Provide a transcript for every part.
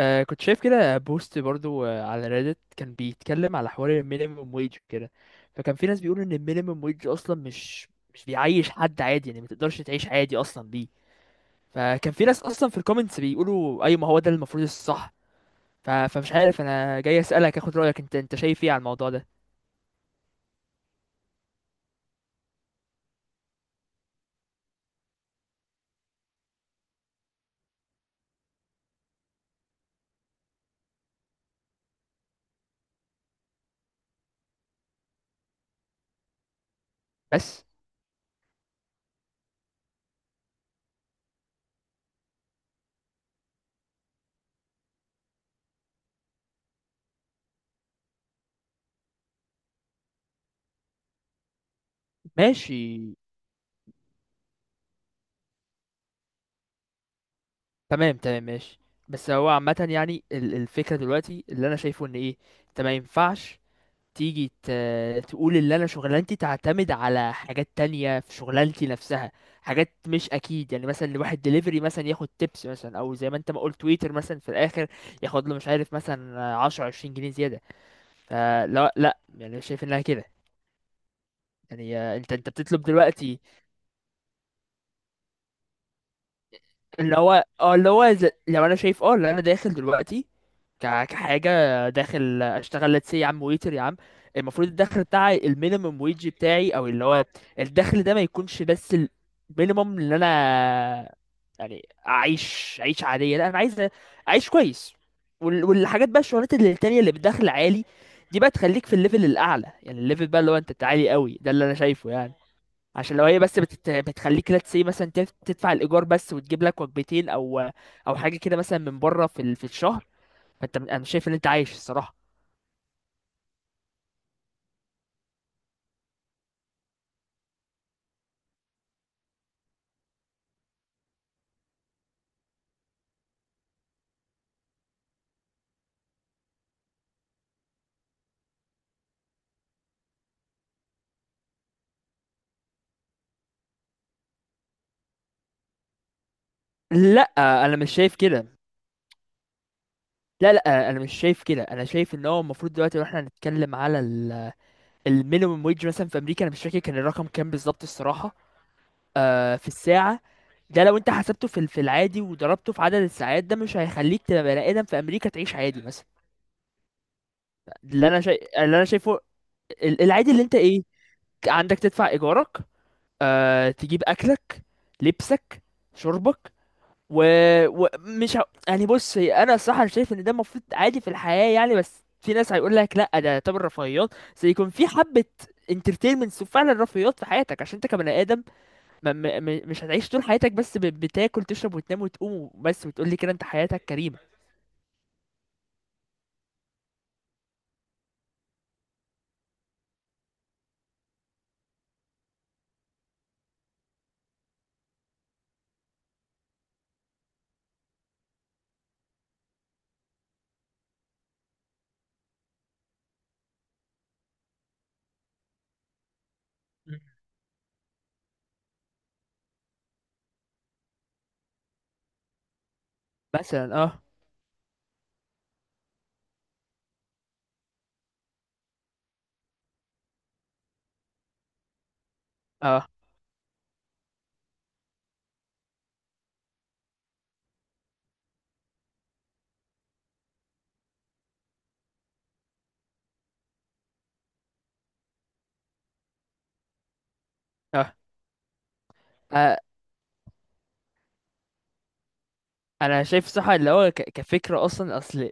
آه، كنت شايف كده بوست برضو على ريدت كان بيتكلم على حوار المينيمم ويج كده. فكان في ناس بيقولوا ان المينيمم ويج اصلا مش بيعيش حد عادي، يعني ما تقدرش تعيش عادي اصلا بيه. فكان في ناس اصلا في الكومنتس بيقولوا اي ما هو ده المفروض الصح. ف... فمش عارف، انا جاي اسالك اخد رايك، انت شايف ايه على الموضوع ده؟ بس. ماشي. تمام، تمام، ماشي. بس هو عامه، يعني الفكره دلوقتي اللي انا شايفه ان ايه، انت ما ينفعش تيجي تقول اللي انا شغلانتي تعتمد على حاجات تانية في شغلانتي نفسها، حاجات مش اكيد، يعني مثلا لواحد دليفري مثلا ياخد تيبس مثلا، او زي ما انت ما قلت تويتر مثلا في الاخر ياخد له مش عارف مثلا 10 20 جنيه زيادة. فلا، لا، يعني شايف انها كده. يعني انت بتطلب دلوقتي، اللي هو اه اللي هو ز- لو انا شايف اللي انا داخل دلوقتي، كحاجه داخل اشتغل لتس يا عم، ويتر يا عم. المفروض الدخل بتاعي المينيمم ويج بتاعي، او اللي هو الدخل ده ما يكونش بس المينيمم اللي انا، يعني اعيش عيش عاديه، لا، انا عايز اعيش كويس. والحاجات بقى، الشغلات اللي التانية اللي بدخل عالي، دي بقى تخليك في الليفل الاعلى، يعني الليفل بقى اللي هو انت تعالي قوي، ده اللي انا شايفه يعني. عشان لو هي بس بتخليك لا تسي مثلا، تدفع الايجار بس وتجيب لك وجبتين او حاجه كده مثلا من بره في الشهر، فانت انا مش شايف ان انت عايش الصراحه. لا، انا مش شايف كده. لا، لا، انا مش شايف كده. انا شايف ان هو المفروض دلوقتي، لو احنا هنتكلم على المينيمم ويج مثلا في امريكا، انا مش فاكر كان الرقم كام بالظبط الصراحه. في الساعه، ده لو انت حسبته في العادي وضربته في عدد الساعات، ده مش هيخليك تبقى بني ادم في امريكا تعيش عادي مثلا. اللي انا شايفه، العادي اللي انت ايه، عندك تدفع ايجارك، تجيب اكلك، لبسك، شربك، ومش و... ومش ه... يعني بص، هي انا الصراحه، شايف ان ده المفروض عادي في الحياه يعني، بس في ناس هيقول لك لا، ده يعتبر رفاهيات. سيكون في حبه انترتينمنتس، وفعلا رفاهيات في حياتك عشان انت كبني ادم مش هتعيش طول حياتك بس بتاكل تشرب وتنام وتقوم بس وتقول لي كده انت حياتك كريمه. مثلا، اه. اه، اه. آه، انا شايف صح، اللي هو كفكره اصلا. اصل،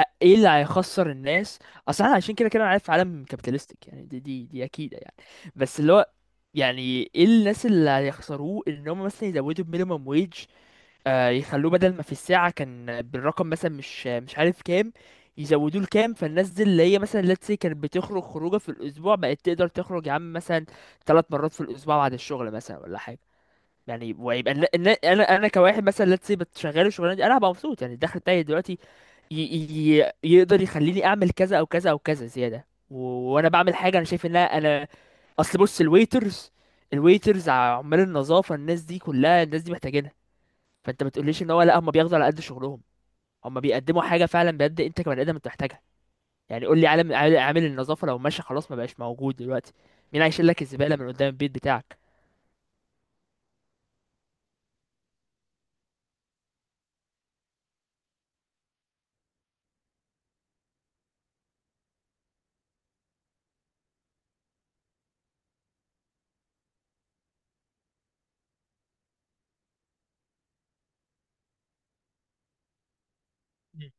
ايه اللي هيخسر الناس؟ اصل احنا عايشين كده كده، انا عارف عالم كابيتالستيك، يعني دي اكيده يعني. بس اللي هو، يعني ايه الناس اللي هيخسروه ان هم مثلا يزودوا المينيمم ويج، يخلوه بدل ما في الساعه كان بالرقم مثلا مش عارف كام، يزودوه لكام، فالناس دي اللي هي مثلا let's say كانت بتخرج خروجه في الاسبوع بقت تقدر تخرج يا عم مثلا 3 مرات في الاسبوع بعد الشغل مثلا ولا حاجه. يعني ويبقى انا كواحد مثلا let's say بتشغله الشغلانه دي، انا هبقى مبسوط، يعني الدخل بتاعي دلوقتي يقدر يخليني اعمل كذا او كذا او كذا زياده، وانا بعمل حاجه انا شايف انها انا. اصل بص، الويترز عمال النظافه، الناس دي كلها، الناس دي محتاجينها. فانت ما تقوليش ان هو، لا، هم بياخدوا على قد شغلهم، هم بيقدموا حاجه فعلا بجد انت كبني ادم انت محتاجها. يعني قول لي عامل النظافه لو ماشي خلاص ما بقاش موجود دلوقتي، مين هيشيل لك الزباله من قدام البيت بتاعك؟ مم.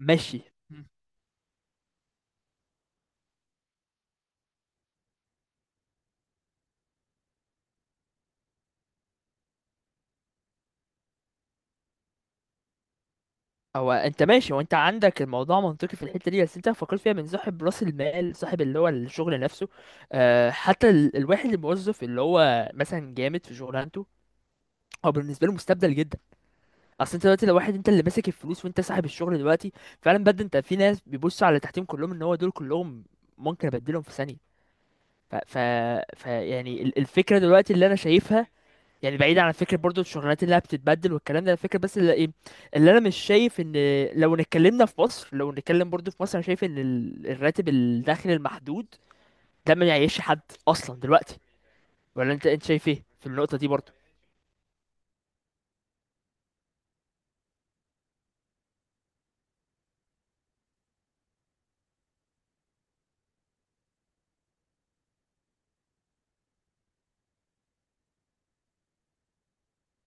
ماشي. هو انت ماشي، وانت عندك الموضوع منطقي في الحته دي، بس انت فكرت فيها من صاحب راس المال، صاحب اللي هو الشغل نفسه. حتى الواحد الموظف اللي هو مثلا جامد في شغلانته، هو بالنسبه له مستبدل جدا. اصل انت دلوقتي لو واحد انت اللي ماسك الفلوس وانت صاحب الشغل دلوقتي، فعلا بجد انت في ناس بيبصوا على اللي تحتهم كلهم ان هو دول كلهم ممكن ابدلهم في ثانيه. ف, ف... ف يعني الفكره دلوقتي اللي انا شايفها، يعني بعيد عن فكرة برضو الشغلانات اللي بتتبدل والكلام ده، الفكرة بس اللي ايه، اللي انا مش شايف ان، لو اتكلمنا في مصر، لو نتكلم برضو في مصر، انا شايف ان الراتب الداخل المحدود ده ما يعيش حد اصلا دلوقتي، ولا انت شايف ايه في النقطة دي برضو؟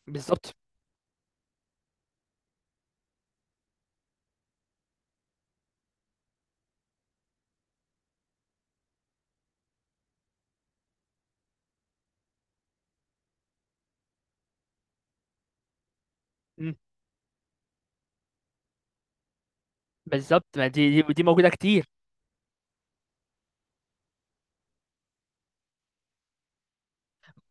بالظبط. مم. بالظبط، ما دي موجودة كتير.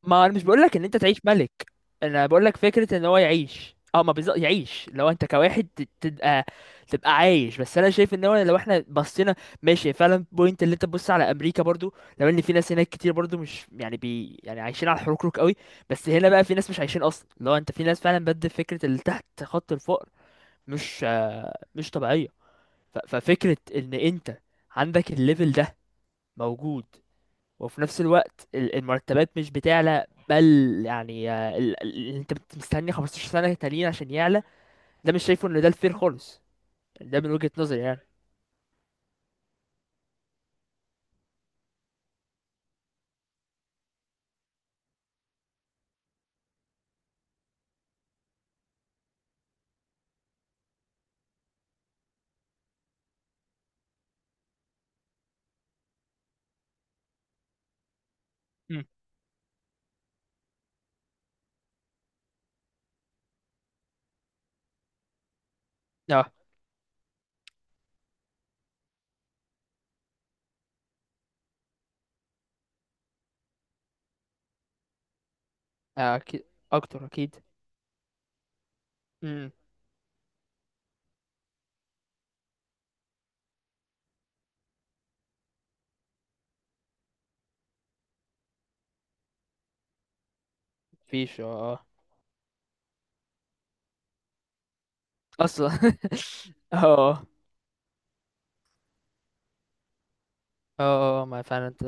ما انا مش بقول لك ان انت تعيش ملك، انا بقول لك فكره ان هو يعيش، ما بالظبط يعيش، لو انت كواحد تبقى عايش، بس انا شايف ان هو لو احنا بصينا ماشي، فعلا بوينت اللي انت تبص على امريكا برضو، لو ان في ناس هناك كتير برضو مش يعني يعني عايشين على الحركرك قوي، بس هنا بقى في ناس مش عايشين اصلا، لو انت في ناس فعلا بجد فكره اللي تحت خط الفقر مش طبيعيه. ففكره ان انت عندك الليفل ده موجود، وفي نفس الوقت المرتبات مش بتعلى، بل يعني اللي انت مستني 15 سنة تانيين عشان يعلى، ده مش شايفه ان ده الفير خالص، ده من وجهة نظري يعني. امم. اه، اكيد. اكتر، اكيد. امم. مفيش، اه. اصلا. اه. اه، اه. ما فعلا انت.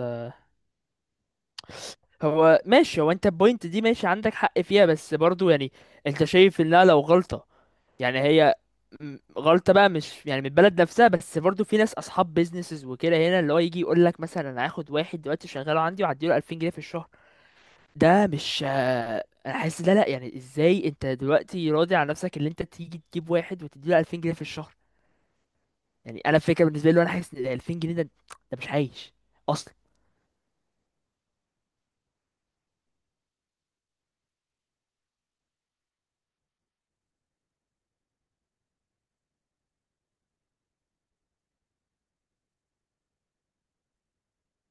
هو ماشي، هو انت البوينت دي ماشي عندك حق فيها، بس برضو يعني انت شايف انها لو غلطة، يعني هي غلطة بقى، مش يعني من البلد نفسها، بس برضو في ناس اصحاب بيزنسز وكده هنا اللي هو يجي يقول لك مثلا انا هاخد واحد دلوقتي شغاله عندي وهديله 2000 جنيه في الشهر، ده مش انا حاسس ده لا، يعني ازاي انت دلوقتي راضي على نفسك اللي انت تيجي تجيب واحد وتديله 2000 جنيه في الشهر؟ يعني انا فكرة بالنسبة لي، انا حاسس ان 2000 جنيه ده مش عايش اصلا.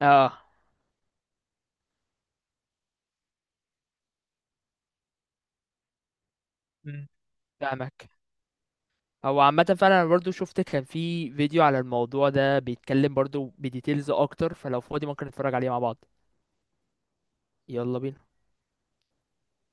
اه. مم. فاهمك. هو عامة، فعلا انا برضو شفت كان في فيديو على الموضوع ده بيتكلم برضو بديتيلز اكتر، فلو فاضي ممكن نتفرج عليه مع بعض. يلا بينا.